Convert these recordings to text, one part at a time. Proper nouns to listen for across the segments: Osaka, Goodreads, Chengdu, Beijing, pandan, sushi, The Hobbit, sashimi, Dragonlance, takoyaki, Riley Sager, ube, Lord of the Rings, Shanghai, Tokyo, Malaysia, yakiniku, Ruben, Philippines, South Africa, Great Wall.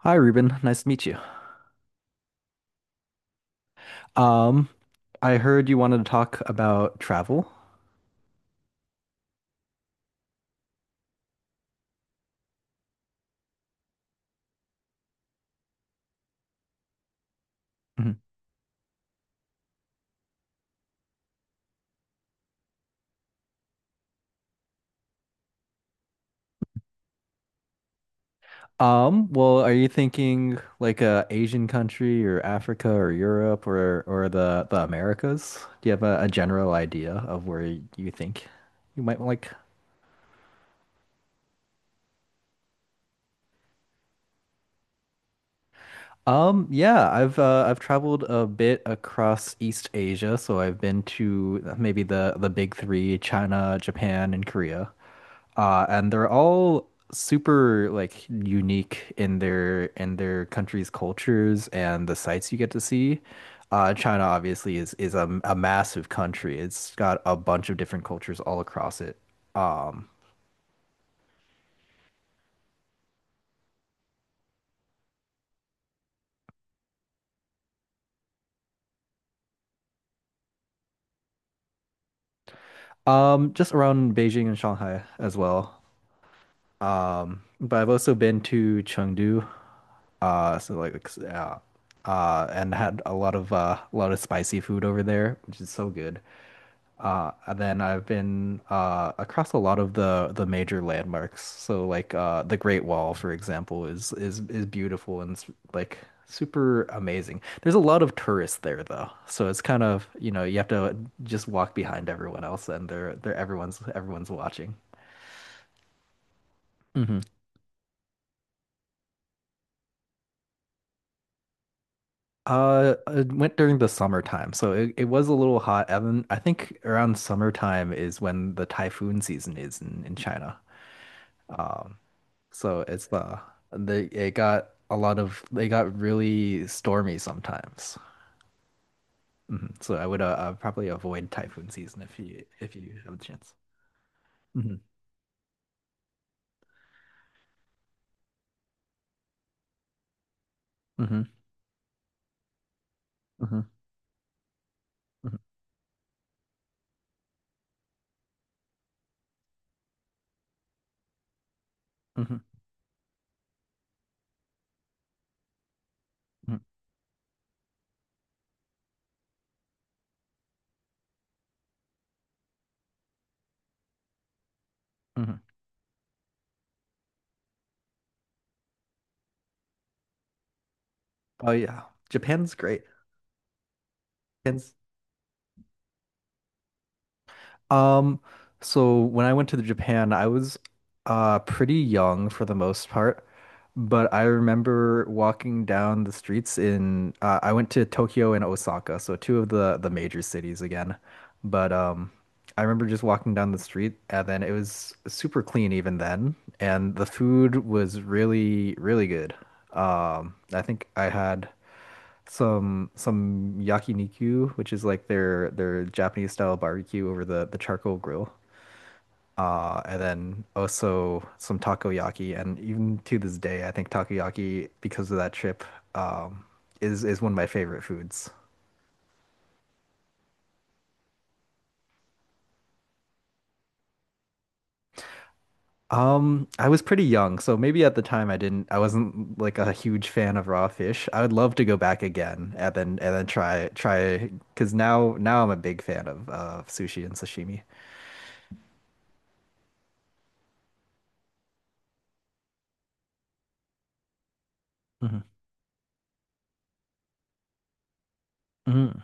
Hi, Ruben. Nice to meet you. Um, I heard you wanted to talk about travel. Mhm. Well, are you thinking like a Asian country or Africa or Europe or the Americas? Do you have a general idea of where you think you might like yeah, I've traveled a bit across East Asia, so I've been to maybe the big three, China, Japan, and Korea. And they're all super like unique in their country's cultures and the sights you get to see. China obviously is a massive country. It's got a bunch of different cultures all across it. Um, just around Beijing and Shanghai as well. But I've also been to Chengdu, uh, so like, uh, and had a lot of spicy food over there, which is so good. And then I've been across a lot of the major landmarks. So like the Great Wall, for example, is beautiful and it's like super amazing. There's a lot of tourists there though, so it's kind of you have to just walk behind everyone else, and they're everyone's watching. It went during the summertime, so it was a little hot. Evan, I think around summertime is when the typhoon season is in China. Um, so it's the it got a lot of they got really stormy sometimes. Hmm. So I would probably avoid typhoon season if you have the chance. Hmm. Hmm. Hmm. Hmm. Hmm. Hmm. Oh yeah, Japan's great. Japan's Um, so when I went to Japan, I was pretty young for the most part, but I remember walking down the streets in I went to Tokyo and Osaka, so two of the major cities again. But I remember just walking down the street and then it was super clean even then, and the food was really, really good. I think I had some yakiniku, which is like their Japanese style barbecue over the charcoal grill. And then also some takoyaki, and even to this day, I think takoyaki, because of that trip, um, is one of my favorite foods. I was pretty young, so maybe at the time I wasn't like a huge fan of raw fish. I would love to go back again and then try, because now I'm a big fan of sushi and sashimi. Hmm. Hmm.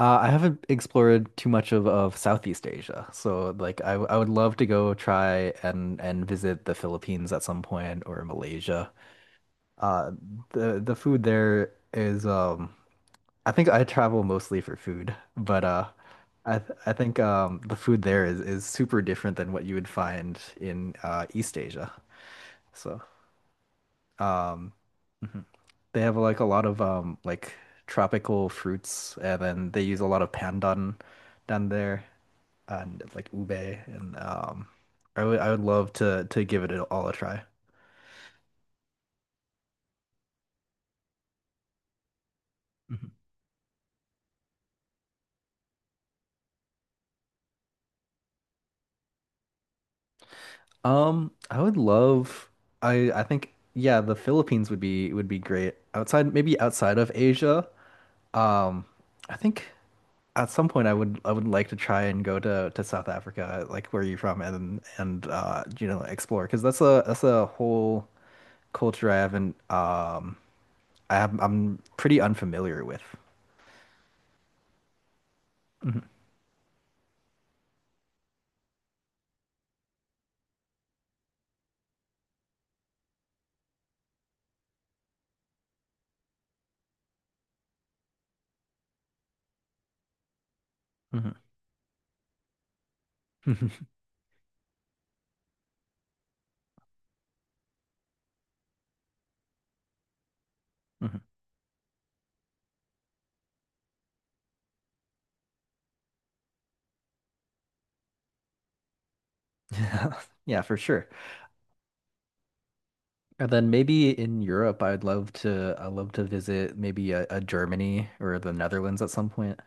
I haven't explored too much of Southeast Asia, so like I would love to go try and visit the Philippines at some point or Malaysia. Uh, the food there is I think I travel mostly for food, but I think the food there is super different than what you would find in East Asia. So um mhm. They have like a lot of like tropical fruits and then they use a lot of pandan down there. And like ube and I would love to give it all a try. Mhm. Um, I would love I think yeah, the Philippines would be great. Outside maybe outside of Asia. Um, I think at some point I would like to try and go to South Africa, like where you're from and explore because that's a whole culture I haven't I'm pretty unfamiliar with. Mhm. Mhm. Mhm. Mhm. Yeah, for sure. And then maybe in Europe, I'd love to visit maybe a Germany or the Netherlands at some point.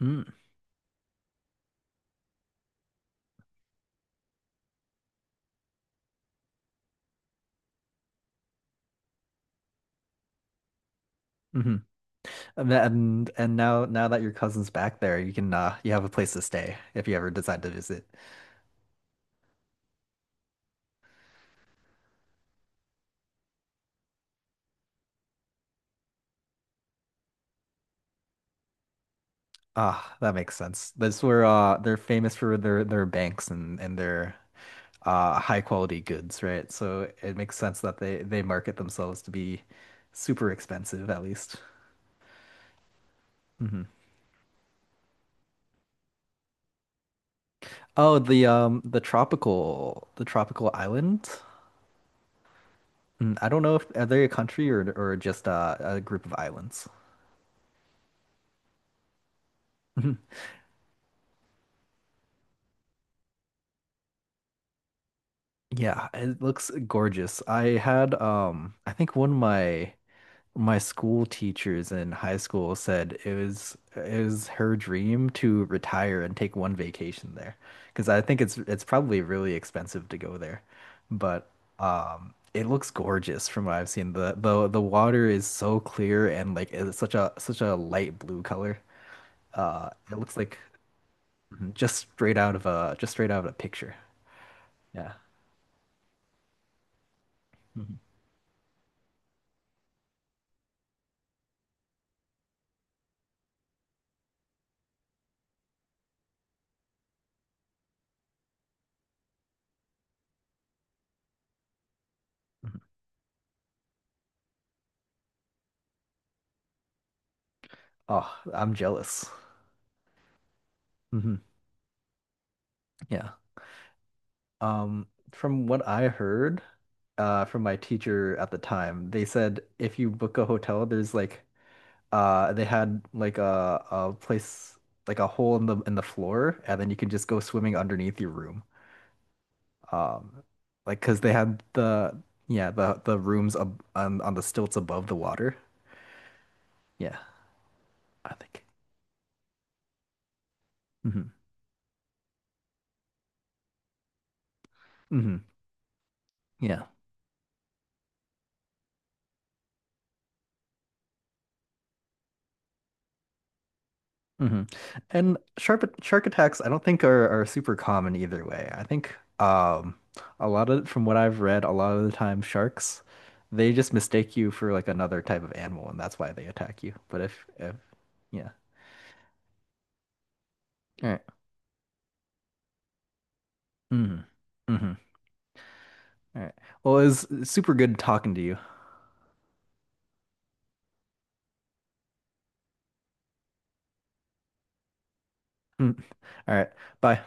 Mm. Hmm. And, and now that your cousin's back there, you can you have a place to stay if you ever decide to visit. Ah, that makes sense. That's where they're famous for their banks and their high quality goods, right? So it makes sense that they market themselves to be super expensive at least. Mhm. Oh, the tropical island. Mm, I don't know if are they a country or just a group of islands. Mhm. Yeah, it looks gorgeous. I had I think one of my school teachers in high school said it was her dream to retire and take one vacation there because I think it's probably really expensive to go there, but it looks gorgeous from what I've seen. The water is so clear and like it's such a light blue color. It looks like just straight out of a picture. Yeah. Mhm. Oh, I'm jealous. Hmm. Yeah. Um, from what I heard, from my teacher at the time. They said if you book a hotel, there's like they had like a place like a hole in the floor, and then you can just go swimming underneath your room. Um, like because they had the yeah the rooms ab on the stilts above the water. Yeah, I think. Hmm. Hmm. Yeah. Hmm. And shark attacks, I don't think are super common either way. I think a lot of from what I've read, a lot of the time sharks they just mistake you for like another type of animal, and that's why they attack you. But if yeah, all right, mm-hmm. Mm-hmm. All right. Well, it was super good talking to you. Mm. All right, bye.